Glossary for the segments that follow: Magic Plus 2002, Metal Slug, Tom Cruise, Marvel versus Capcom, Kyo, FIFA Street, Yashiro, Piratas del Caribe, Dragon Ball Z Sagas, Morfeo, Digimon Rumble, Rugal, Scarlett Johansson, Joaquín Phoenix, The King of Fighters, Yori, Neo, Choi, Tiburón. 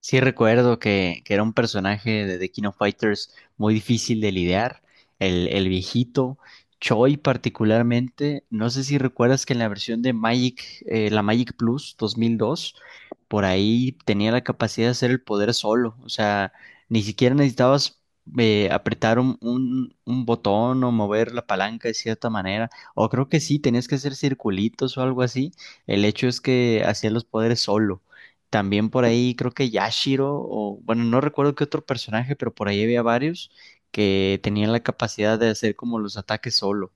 Sí, recuerdo que era un personaje de The King of Fighters muy difícil de lidiar, el viejito, Choi particularmente. No sé si recuerdas que en la versión de Magic, la Magic Plus 2002, por ahí tenía la capacidad de hacer el poder solo, o sea, ni siquiera necesitabas apretar un botón o mover la palanca de cierta manera, o creo que sí, tenías que hacer circulitos o algo así. El hecho es que hacía los poderes solo. También por ahí creo que Yashiro, o bueno, no recuerdo qué otro personaje, pero por ahí había varios que tenían la capacidad de hacer como los ataques solo.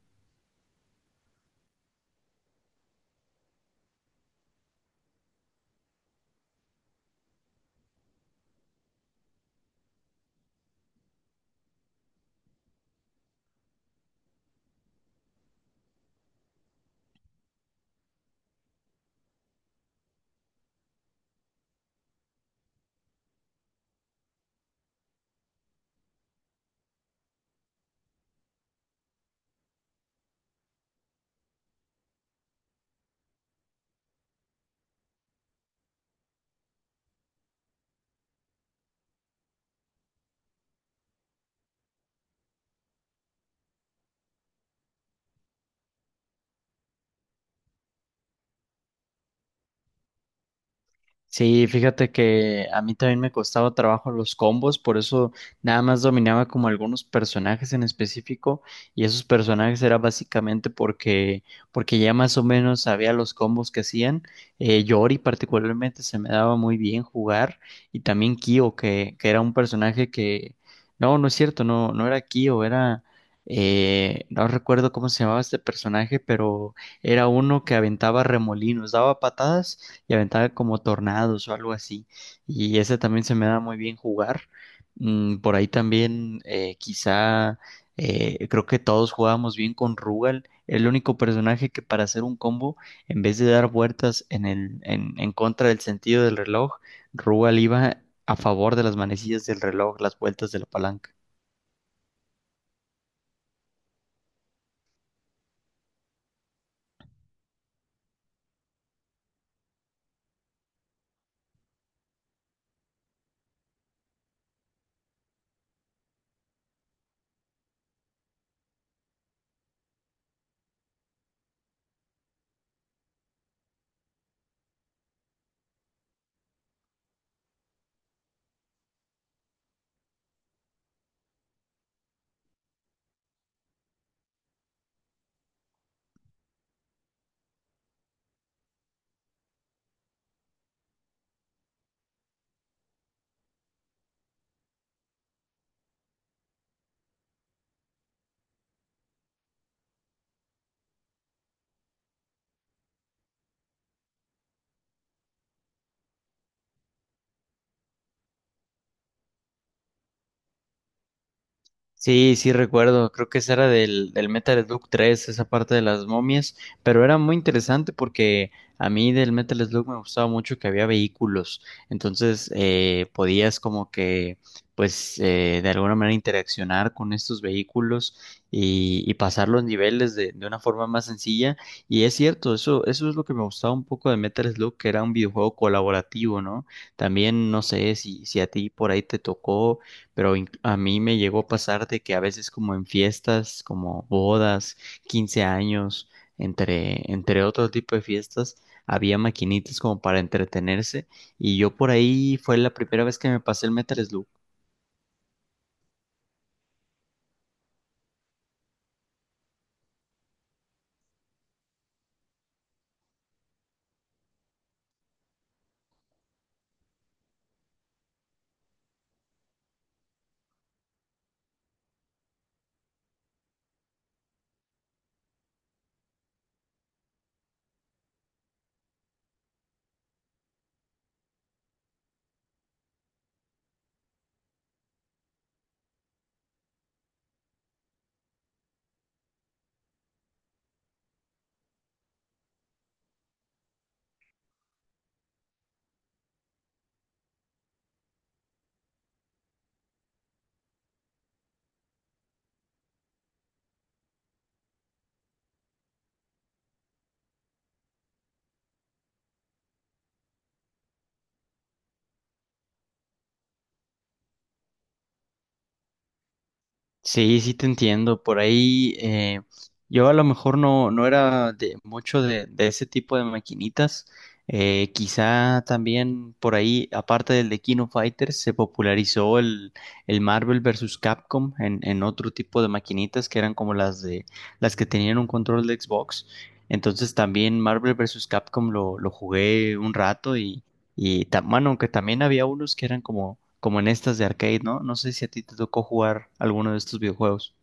Sí, fíjate que a mí también me costaba trabajo los combos, por eso nada más dominaba como algunos personajes en específico, y esos personajes era básicamente porque ya más o menos sabía los combos que hacían. Yori particularmente se me daba muy bien jugar, y también Kyo que era un personaje que no, no es cierto, no era Kyo, era, no recuerdo cómo se llamaba este personaje, pero era uno que aventaba remolinos, daba patadas y aventaba como tornados o algo así. Y ese también se me da muy bien jugar. Por ahí también quizá, creo que todos jugábamos bien con Rugal. El único personaje que para hacer un combo, en vez de dar vueltas en en contra del sentido del reloj, Rugal iba a favor de las manecillas del reloj, las vueltas de la palanca. Sí, sí recuerdo, creo que esa era del Metal Slug 3, esa parte de las momias, pero era muy interesante porque a mí del Metal Slug me gustaba mucho que había vehículos. Entonces, podías como que, pues, de alguna manera interaccionar con estos vehículos y pasar los niveles de una forma más sencilla. Y es cierto, eso es lo que me gustaba un poco de Metal Slug, que era un videojuego colaborativo, ¿no? También no sé si, si a ti por ahí te tocó, pero a mí me llegó a pasar de que a veces como en fiestas, como bodas, 15 años, entre, entre otro tipo de fiestas, había maquinitas como para entretenerse, y yo por ahí fue la primera vez que me pasé el Metal. Sí, sí te entiendo. Por ahí yo a lo mejor no, no era de mucho de ese tipo de maquinitas. Quizá también por ahí, aparte del de Kino Fighters, se popularizó el Marvel versus Capcom en otro tipo de maquinitas que eran como las de las que tenían un control de Xbox. Entonces también Marvel versus Capcom lo jugué un rato y, bueno, aunque también había unos que eran como, como en estas de arcade, ¿no? No sé si a ti te tocó jugar alguno de estos videojuegos.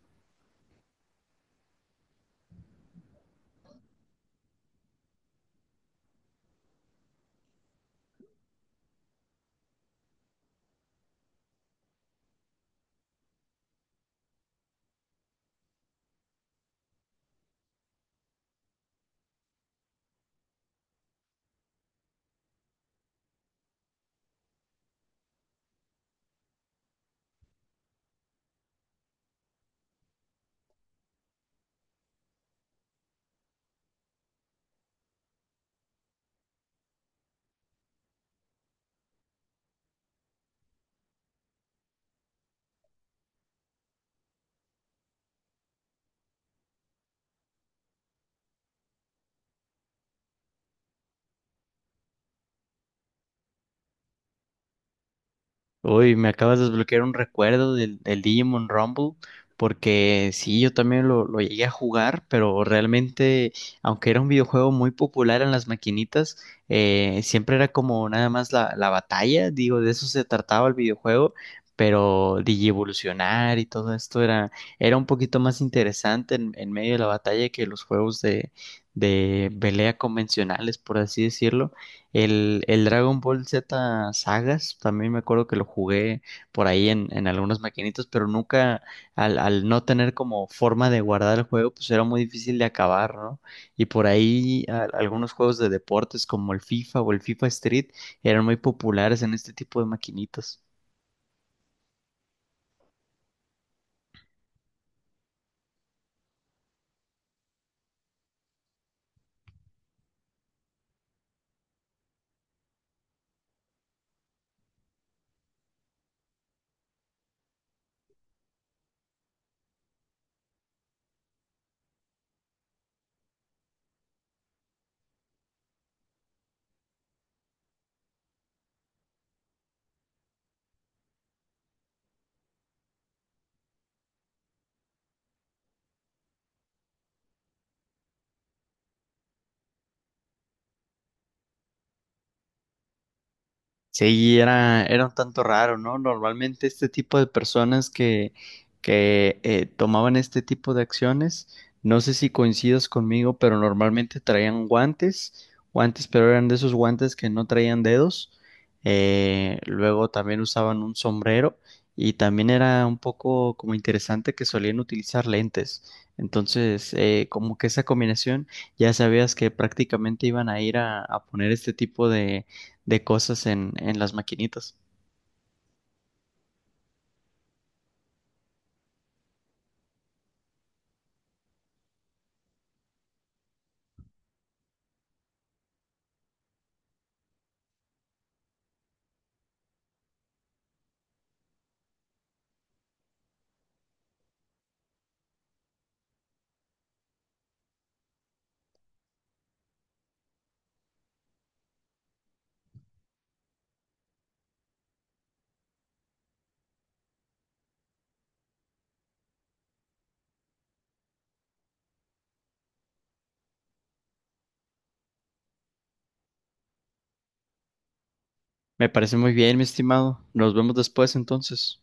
Uy, me acabas de desbloquear un recuerdo del Digimon Rumble, porque sí, yo también lo llegué a jugar, pero realmente, aunque era un videojuego muy popular en las maquinitas, siempre era como nada más la batalla, digo, de eso se trataba el videojuego, pero Digievolucionar y todo esto era, era un poquito más interesante en medio de la batalla que los juegos de pelea convencionales, por así decirlo. El Dragon Ball Z Sagas, también me acuerdo que lo jugué por ahí en algunas maquinitas, pero nunca, al, al no tener como forma de guardar el juego, pues era muy difícil de acabar, ¿no? Y por ahí algunos juegos de deportes como el FIFA o el FIFA Street eran muy populares en este tipo de maquinitas. Sí, era, era un tanto raro, ¿no? Normalmente este tipo de personas que tomaban este tipo de acciones, no sé si coincidas conmigo, pero normalmente traían guantes, guantes, pero eran de esos guantes que no traían dedos. Luego también usaban un sombrero, y también era un poco como interesante que solían utilizar lentes. Entonces, como que esa combinación, ya sabías que prácticamente iban a ir a poner este tipo de cosas en las maquinitas. Me parece muy bien, mi estimado. Nos vemos después, entonces.